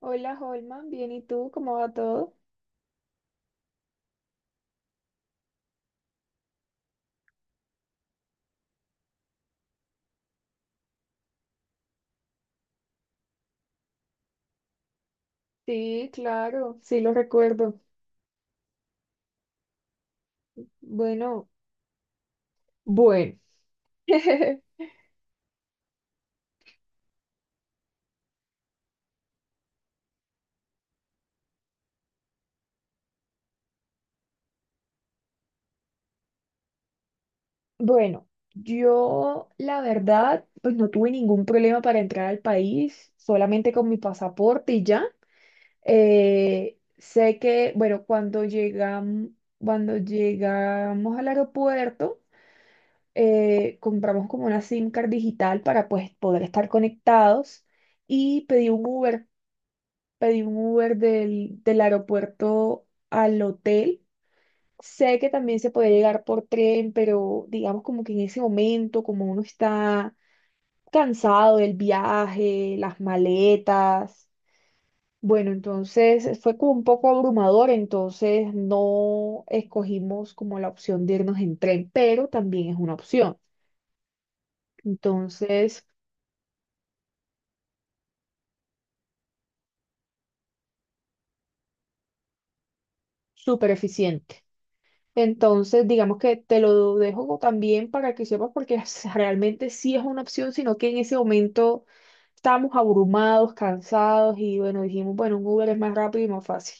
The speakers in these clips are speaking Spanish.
Hola Holman, bien, ¿y tú? ¿Cómo va todo? Sí, claro, sí lo recuerdo. Bueno, bueno. Bueno, yo la verdad, pues no tuve ningún problema para entrar al país, solamente con mi pasaporte y ya. Sé que, bueno, cuando llegamos al aeropuerto, compramos como una SIM card digital para pues poder estar conectados y pedí un Uber. Pedí un Uber del aeropuerto al hotel. Sé que también se puede llegar por tren, pero digamos como que en ese momento, como uno está cansado del viaje, las maletas, bueno, entonces fue como un poco abrumador, entonces no escogimos como la opción de irnos en tren, pero también es una opción. Entonces, súper eficiente. Entonces, digamos que te lo dejo también para que sepas, porque realmente sí es una opción, sino que en ese momento estábamos abrumados, cansados y bueno, dijimos, bueno, un Uber es más rápido y más fácil.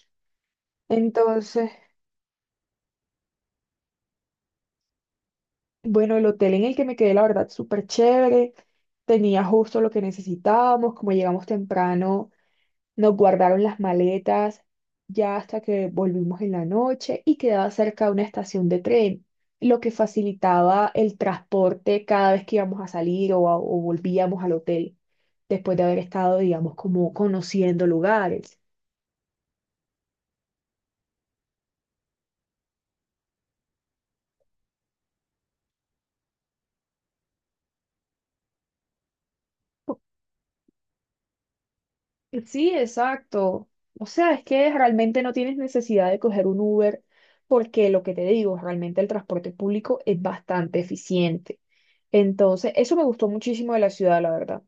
Entonces, bueno, el hotel en el que me quedé, la verdad, súper chévere. Tenía justo lo que necesitábamos, como llegamos temprano. Nos guardaron las maletas ya hasta que volvimos en la noche y quedaba cerca de una estación de tren, lo que facilitaba el transporte cada vez que íbamos a salir o volvíamos al hotel, después de haber estado, digamos, como conociendo lugares. Po- Sí, exacto. O sea, es que realmente no tienes necesidad de coger un Uber porque lo que te digo, realmente el transporte público es bastante eficiente. Entonces, eso me gustó muchísimo de la ciudad, la verdad.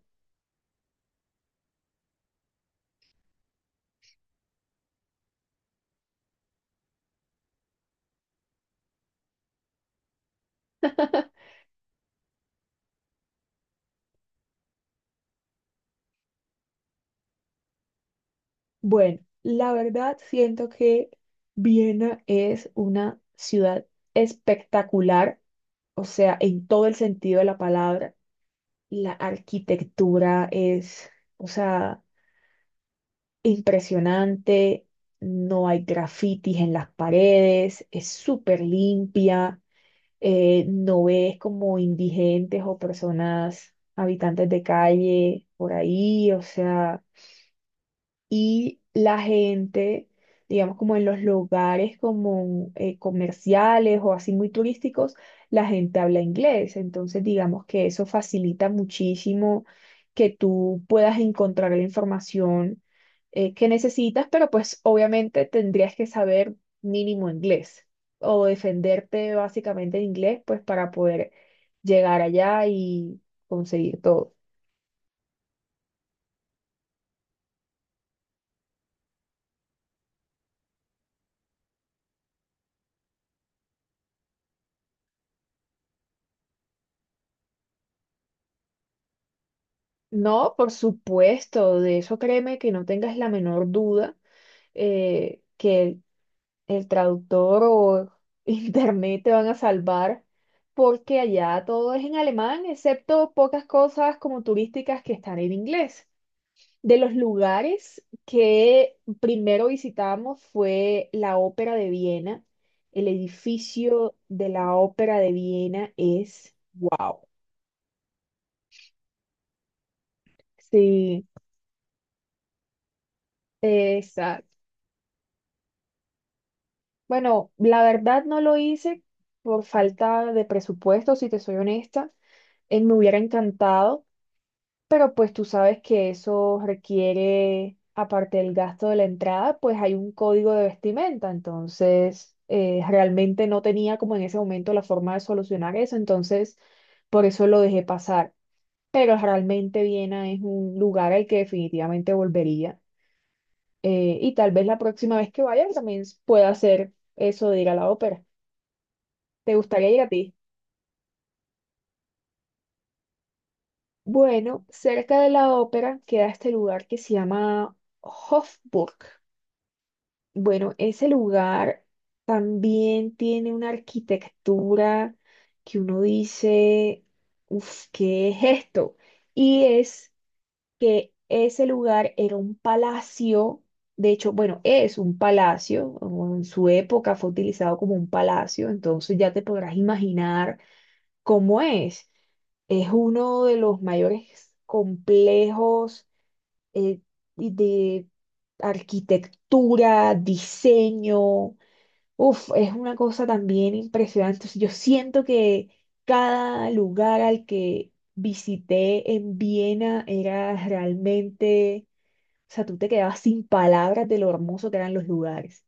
Bueno, la verdad siento que Viena es una ciudad espectacular, o sea, en todo el sentido de la palabra. La arquitectura es, o sea, impresionante, no hay grafitis en las paredes, es súper limpia, no ves como indigentes o personas habitantes de calle por ahí, o sea, y la gente, digamos como en los lugares como comerciales o así muy turísticos, la gente habla inglés. Entonces, digamos que eso facilita muchísimo que tú puedas encontrar la información que necesitas, pero pues obviamente tendrías que saber mínimo inglés o defenderte básicamente en inglés, pues para poder llegar allá y conseguir todo. No, por supuesto, de eso créeme que no tengas la menor duda que el traductor o internet te van a salvar porque allá todo es en alemán, excepto pocas cosas como turísticas que están en inglés. De los lugares que primero visitamos fue la Ópera de Viena. El edificio de la Ópera de Viena es wow. Sí, exacto. Bueno, la verdad no lo hice por falta de presupuesto, si te soy honesta. Me hubiera encantado, pero pues tú sabes que eso requiere, aparte del gasto de la entrada, pues hay un código de vestimenta. Entonces, realmente no tenía como en ese momento la forma de solucionar eso. Entonces, por eso lo dejé pasar. Pero realmente Viena es un lugar al que definitivamente volvería. Y tal vez la próxima vez que vaya también pueda hacer eso de ir a la ópera. ¿Te gustaría ir a ti? Bueno, cerca de la ópera queda este lugar que se llama Hofburg. Bueno, ese lugar también tiene una arquitectura que uno dice, uff, ¿qué es esto? Y es que ese lugar era un palacio, de hecho, bueno, es un palacio, o en su época fue utilizado como un palacio, entonces ya te podrás imaginar cómo es. Es uno de los mayores complejos eh, y de arquitectura, diseño. Uf, es una cosa también impresionante. Entonces, yo siento que cada lugar al que visité en Viena era realmente, o sea, tú te quedabas sin palabras de lo hermoso que eran los lugares.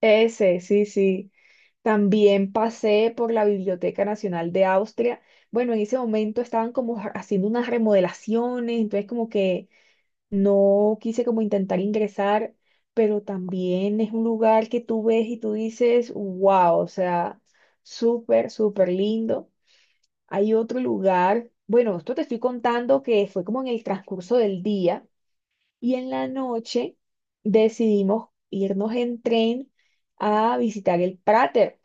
Ese, sí, sí. También pasé por la Biblioteca Nacional de Austria. Bueno, en ese momento estaban como haciendo unas remodelaciones, entonces como que no quise como intentar ingresar, pero también es un lugar que tú ves y tú dices, wow, o sea, súper, súper lindo. Hay otro lugar, bueno, esto te estoy contando que fue como en el transcurso del día y en la noche decidimos irnos en tren a visitar el Prater.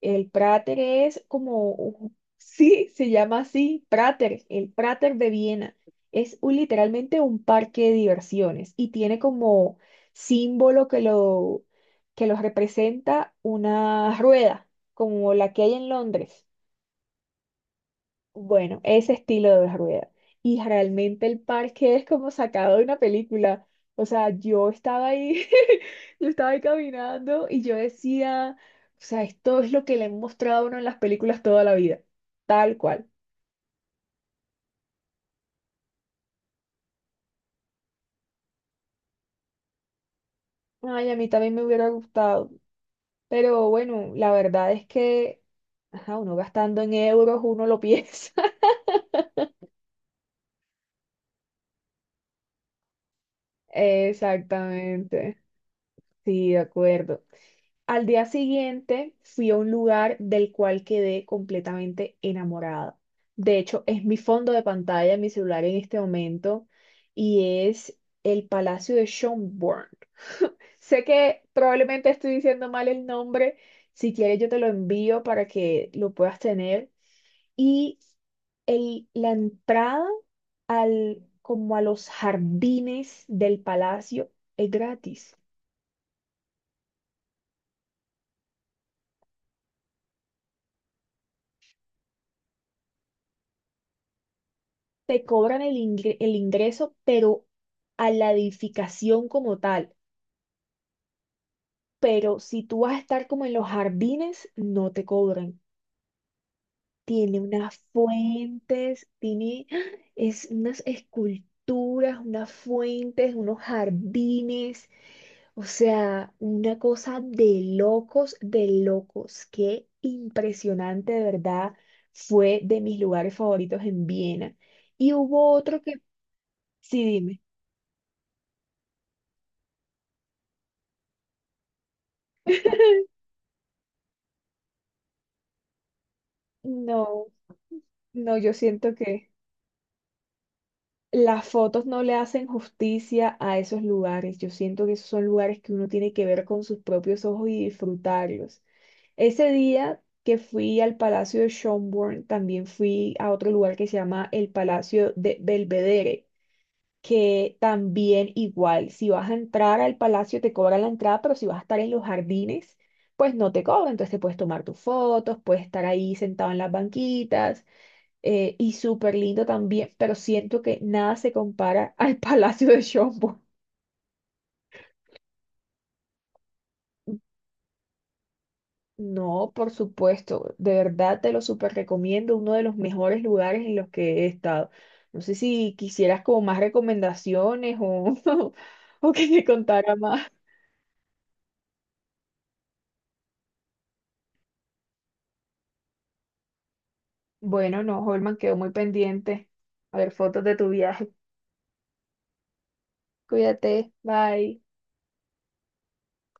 El Prater es como, sí, se llama así, Prater, el Prater de Viena. Es literalmente un parque de diversiones y tiene como símbolo que los representa una rueda, como la que hay en Londres. Bueno, ese estilo de rueda. Y realmente el parque es como sacado de una película. O sea, yo estaba ahí, yo estaba ahí caminando y yo decía, o sea, esto es lo que le han mostrado a uno en las películas toda la vida, tal cual. Ay, a mí también me hubiera gustado. Pero bueno, la verdad es que, ajá, uno gastando en euros, uno lo piensa. Exactamente. Sí, de acuerdo. Al día siguiente fui a un lugar del cual quedé completamente enamorada. De hecho, es mi fondo de pantalla en mi celular en este momento y es el Palacio de Schönborn. Sé que probablemente estoy diciendo mal el nombre. Si quieres, yo te lo envío para que lo puedas tener. Y la entrada al, como a los jardines del palacio es gratis. Te cobran el ingreso, pero a la edificación como tal. Pero si tú vas a estar como en los jardines, no te cobran. Tiene unas fuentes, tiene ¡ah! Es unas esculturas, unas fuentes, unos jardines. O sea, una cosa de locos, de locos. Qué impresionante, de verdad. Fue de mis lugares favoritos en Viena. Y hubo otro que, sí, dime. No. No, yo siento que las fotos no le hacen justicia a esos lugares. Yo siento que esos son lugares que uno tiene que ver con sus propios ojos y disfrutarlos. Ese día que fui al Palacio de Schönborn, también fui a otro lugar que se llama el Palacio de Belvedere, que también igual, si vas a entrar al palacio te cobran la entrada, pero si vas a estar en los jardines, pues no te cobran. Entonces te puedes tomar tus fotos, puedes estar ahí sentado en las banquitas y súper lindo también, pero siento que nada se compara al Palacio de Chombo. No, por supuesto, de verdad te lo súper recomiendo, uno de los mejores lugares en los que he estado. No sé si quisieras como más recomendaciones o, o que te contara más. Bueno, no, Holman, quedó muy pendiente. A ver, fotos de tu viaje. Cuídate, bye.